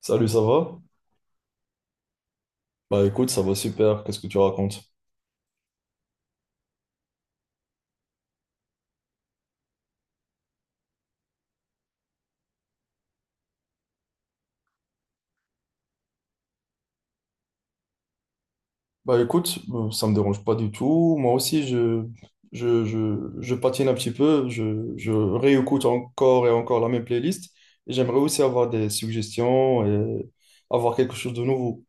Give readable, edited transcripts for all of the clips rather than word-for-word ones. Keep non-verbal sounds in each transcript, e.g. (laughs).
Salut, ça va? Bah écoute, ça va super, qu'est-ce que tu racontes? Bah écoute, ça me dérange pas du tout. Moi aussi, je patine un petit peu, je réécoute encore et encore la même playlist. Et j'aimerais aussi avoir des suggestions et avoir quelque chose de nouveau.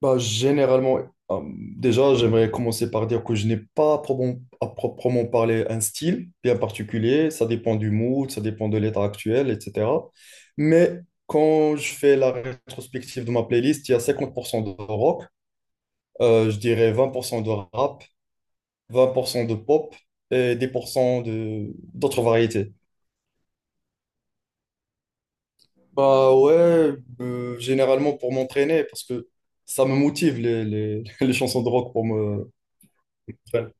Bah, généralement, euh, déjà, j'aimerais commencer par dire que je n'ai pas à à proprement parler un style bien particulier. Ça dépend du mood, ça dépend de l'état actuel, etc. Mais quand je fais la rétrospective de ma playlist, il y a 50% de rock, je dirais 20% de rap, 10% de pop et 10% de d'autres variétés. Bah ouais, généralement pour m'entraîner, parce que ça me motive les (laughs) les chansons de rock enfin,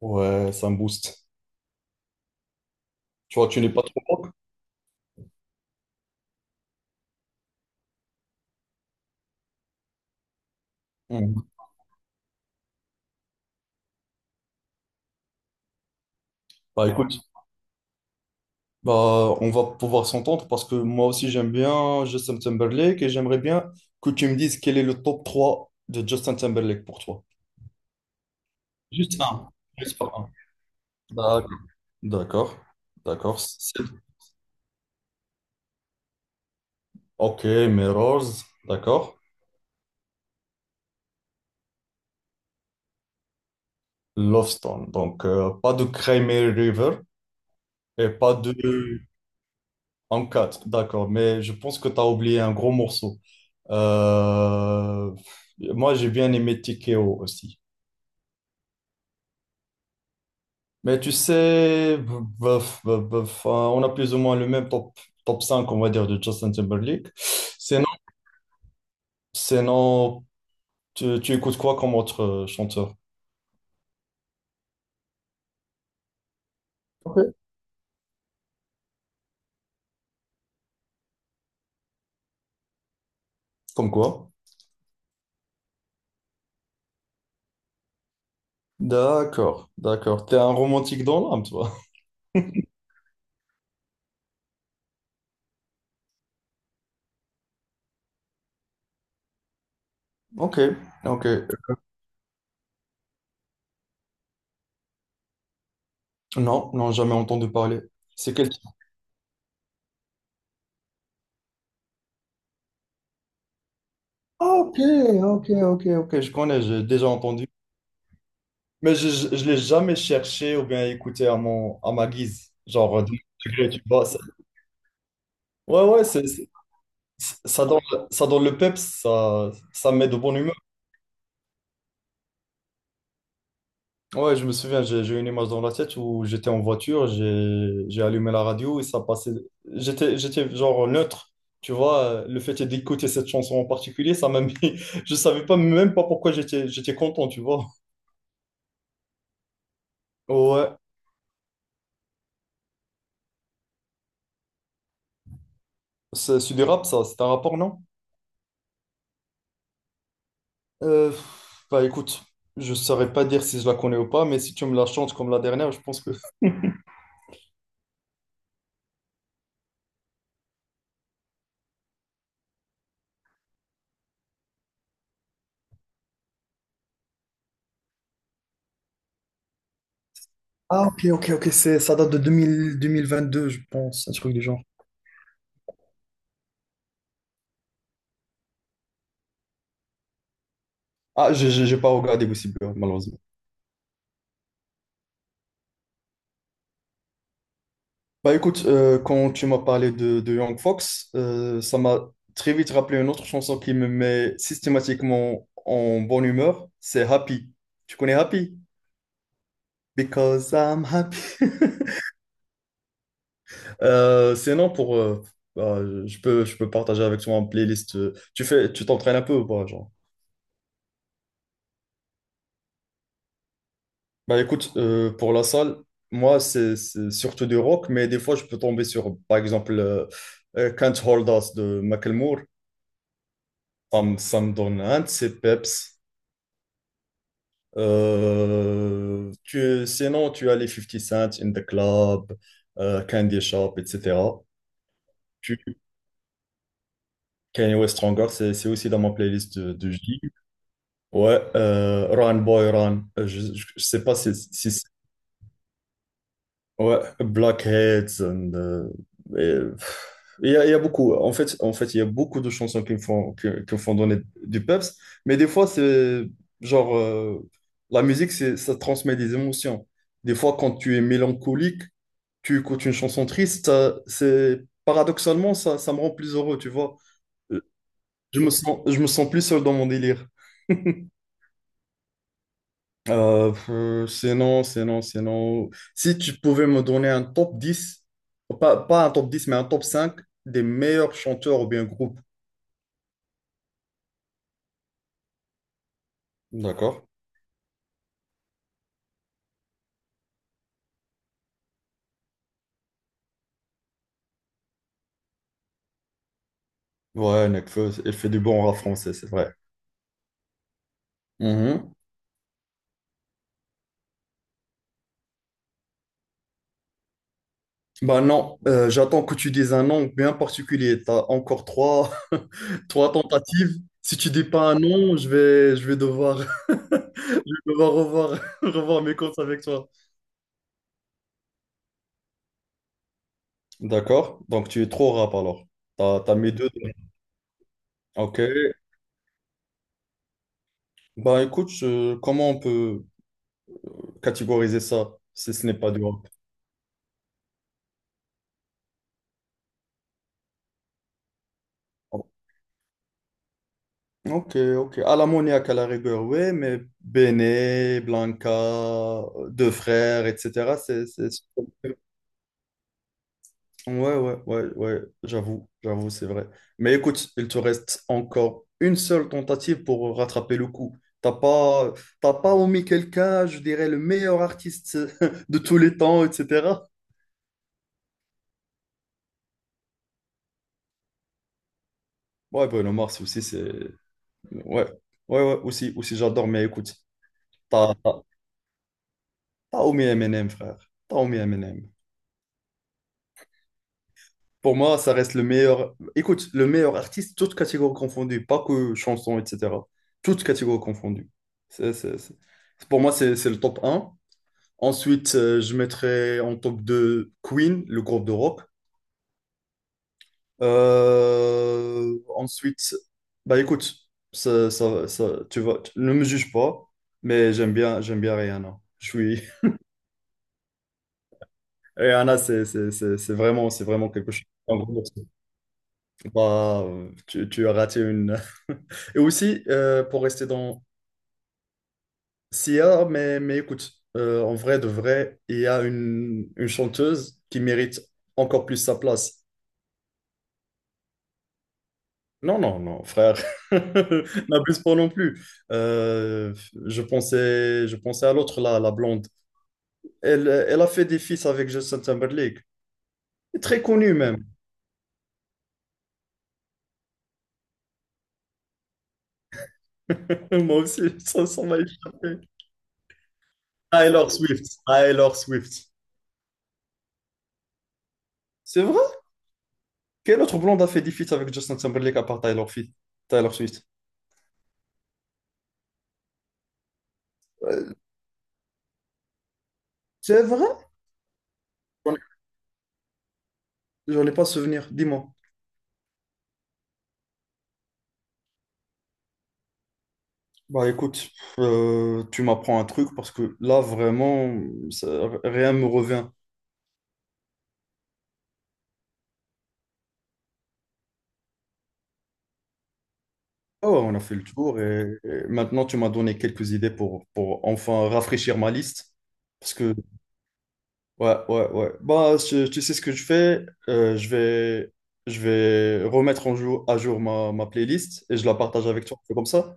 ouais, ça me booste. Tu vois, tu n'es pas trop rock? Mm. Bah écoute, bah on va pouvoir s'entendre parce que moi aussi j'aime bien Justin Timberlake et j'aimerais bien que tu me dises quel est le top 3 de Justin Timberlake pour toi. Juste un. Juste pas un. D'accord. D'accord. D'accord. Ok, Mirrors. D'accord. Love Stone. Donc pas de Crimea River et pas de Uncut. D'accord. Mais je pense que tu as oublié un gros morceau. Euh, moi, j'ai bien aimé TKO aussi. Mais tu sais, enfin, on a plus ou moins le même top 5, on va dire, de Justin Timberlake. C'est non, c'est non. Tu écoutes quoi comme autre chanteur? Ok. Comme quoi? D'accord, d'accord. T'es un romantique dans l'âme, toi. (laughs) Ok, ok. Non, non, jamais entendu parler. C'est quel type? Ah, ok, ok, ok, ok. Je connais, j'ai déjà entendu. Mais je l'ai jamais cherché ou bien écouté à ma guise. Genre, de mon degré, tu vois. Ouais, ouais, ça donne, ça donne le peps, ça me met de bonne humeur. Ouais, je me souviens, j'ai une image dans la tête où j'étais en voiture, j'ai allumé la radio et ça passait. J'étais genre neutre, tu vois. Le fait d'écouter cette chanson en particulier, ça m'a mis. (laughs) Je savais pas même pas pourquoi j'étais content, tu vois. Ouais, c'est du rap, ça. C'est un rapport, non? Euh, bah écoute, je saurais pas dire si je la connais ou pas, mais si tu me la chantes comme la dernière, je pense que. Ah, ok, ok, ok, ça date de 2000 2022, je pense, un truc du genre. Ah, j'ai pas regardé Gossip Girl, malheureusement. Bah écoute, quand tu m'as parlé de Young Fox, ça m'a très vite rappelé une autre chanson qui me met systématiquement en bonne humeur, c'est Happy. Tu connais Happy? Because I'm happy. (laughs) Sinon, bah, je peux partager avec toi une playlist. Tu t'entraînes un peu ou pas, genre? Bah écoute, pour la salle, moi, c'est surtout du rock, mais des fois, je peux tomber sur, par exemple, Can't Hold Us de Macklemore. Ça me donne un de ces peps. Sinon, tu as les fifty Cent, In the Club, Candy Shop, etc. Tu, Kanye West Stronger, c'est aussi dans ma playlist de J. Ouais, Run Boy Run. Je sais pas si. Ouais, Blackheads et, il y a beaucoup. En fait, il y a beaucoup de chansons qui me font que me font donner du peps, mais des fois c'est genre la musique, c'est ça transmet des émotions. Des fois, quand tu es mélancolique, tu écoutes une chanson triste, c'est paradoxalement ça me rend plus heureux, tu vois. Euh, je me sens plus seul dans mon délire. (laughs) Sinon, si tu pouvais me donner un top 10, pas un top 10, mais un top 5 des meilleurs chanteurs ou bien groupes. D'accord. Ouais, Nekfeu, il fait du bon rap français, c'est vrai. Mhm. Bah non, j'attends que tu dises un nom bien particulier. T'as encore trois, (laughs) trois tentatives. Si tu dis pas un nom, je vais, devoir, (laughs) je vais devoir revoir, (laughs) revoir mes comptes avec toi. D'accord. Donc tu es trop rap alors. T'as mis deux. Ok. Bah écoute, comment on peut catégoriser ça si ce n'est pas du rap? Ok, ok. À l'ammoniaque à la rigueur, oui, mais Béné, Blanca, Deux Frères, etc. Ouais, ouais, ouais, ouais, j'avoue, j'avoue, c'est vrai. Mais écoute, il te reste encore une seule tentative pour rattraper le coup. T'as pas, t'as pas omis quelqu'un, je dirais, le meilleur artiste (laughs) de tous les temps, etc. Ouais, Bruno Mars aussi. C'est Ouais, ouais, ouais, aussi j'adore, mais écoute, t'as, t'as, t'as omis Eminem, frère. T'as omis Eminem. Pour moi, ça reste le meilleur, écoute, le meilleur artiste, toutes catégories confondues, pas que chansons, etc. Toutes catégories confondues. C'est, c'est- c'est- Pour moi, c'est le top un. Ensuite, je mettrais en top 2 Queen, le groupe de rock. Ensuite, bah écoute, ne me juge pas, mais j'aime bien Rihanna. Et Anna, c'est vraiment quelque chose. En gros, c'est pas- tu as raté une. (laughs) Et aussi, pour rester dans Sia, mais écoute, en vrai, de vrai, il y a une chanteuse qui mérite encore plus sa place. Non, non, non, frère, (laughs) n'abuse pas non plus. Euh, je pensais à l'autre, là, la blonde. Elle a fait des feats avec Justin Timberlake. Très connue même. (laughs) Moi aussi, ça m'a échappé. Taylor Swift. Taylor Swift. C'est vrai? Quel autre blonde a fait des feats avec Justin Timberlake à part Taylor Swift? Euh, C'est vrai? J'en ai- J'en ai pas souvenir, dis-moi. Bah écoute, tu m'apprends un truc parce que là vraiment, rien me revient. Oh, on a fait le tour et maintenant tu m'as donné quelques idées pour enfin rafraîchir ma liste. Parce que Ouais, ouais, ouais. Bah, tu sais ce que je fais? Je vais remettre à jour ma playlist et je la partage avec toi. On fait comme ça?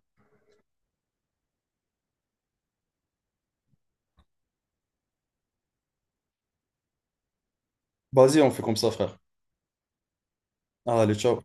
Vas-y, on fait comme ça, frère. Allez, ciao.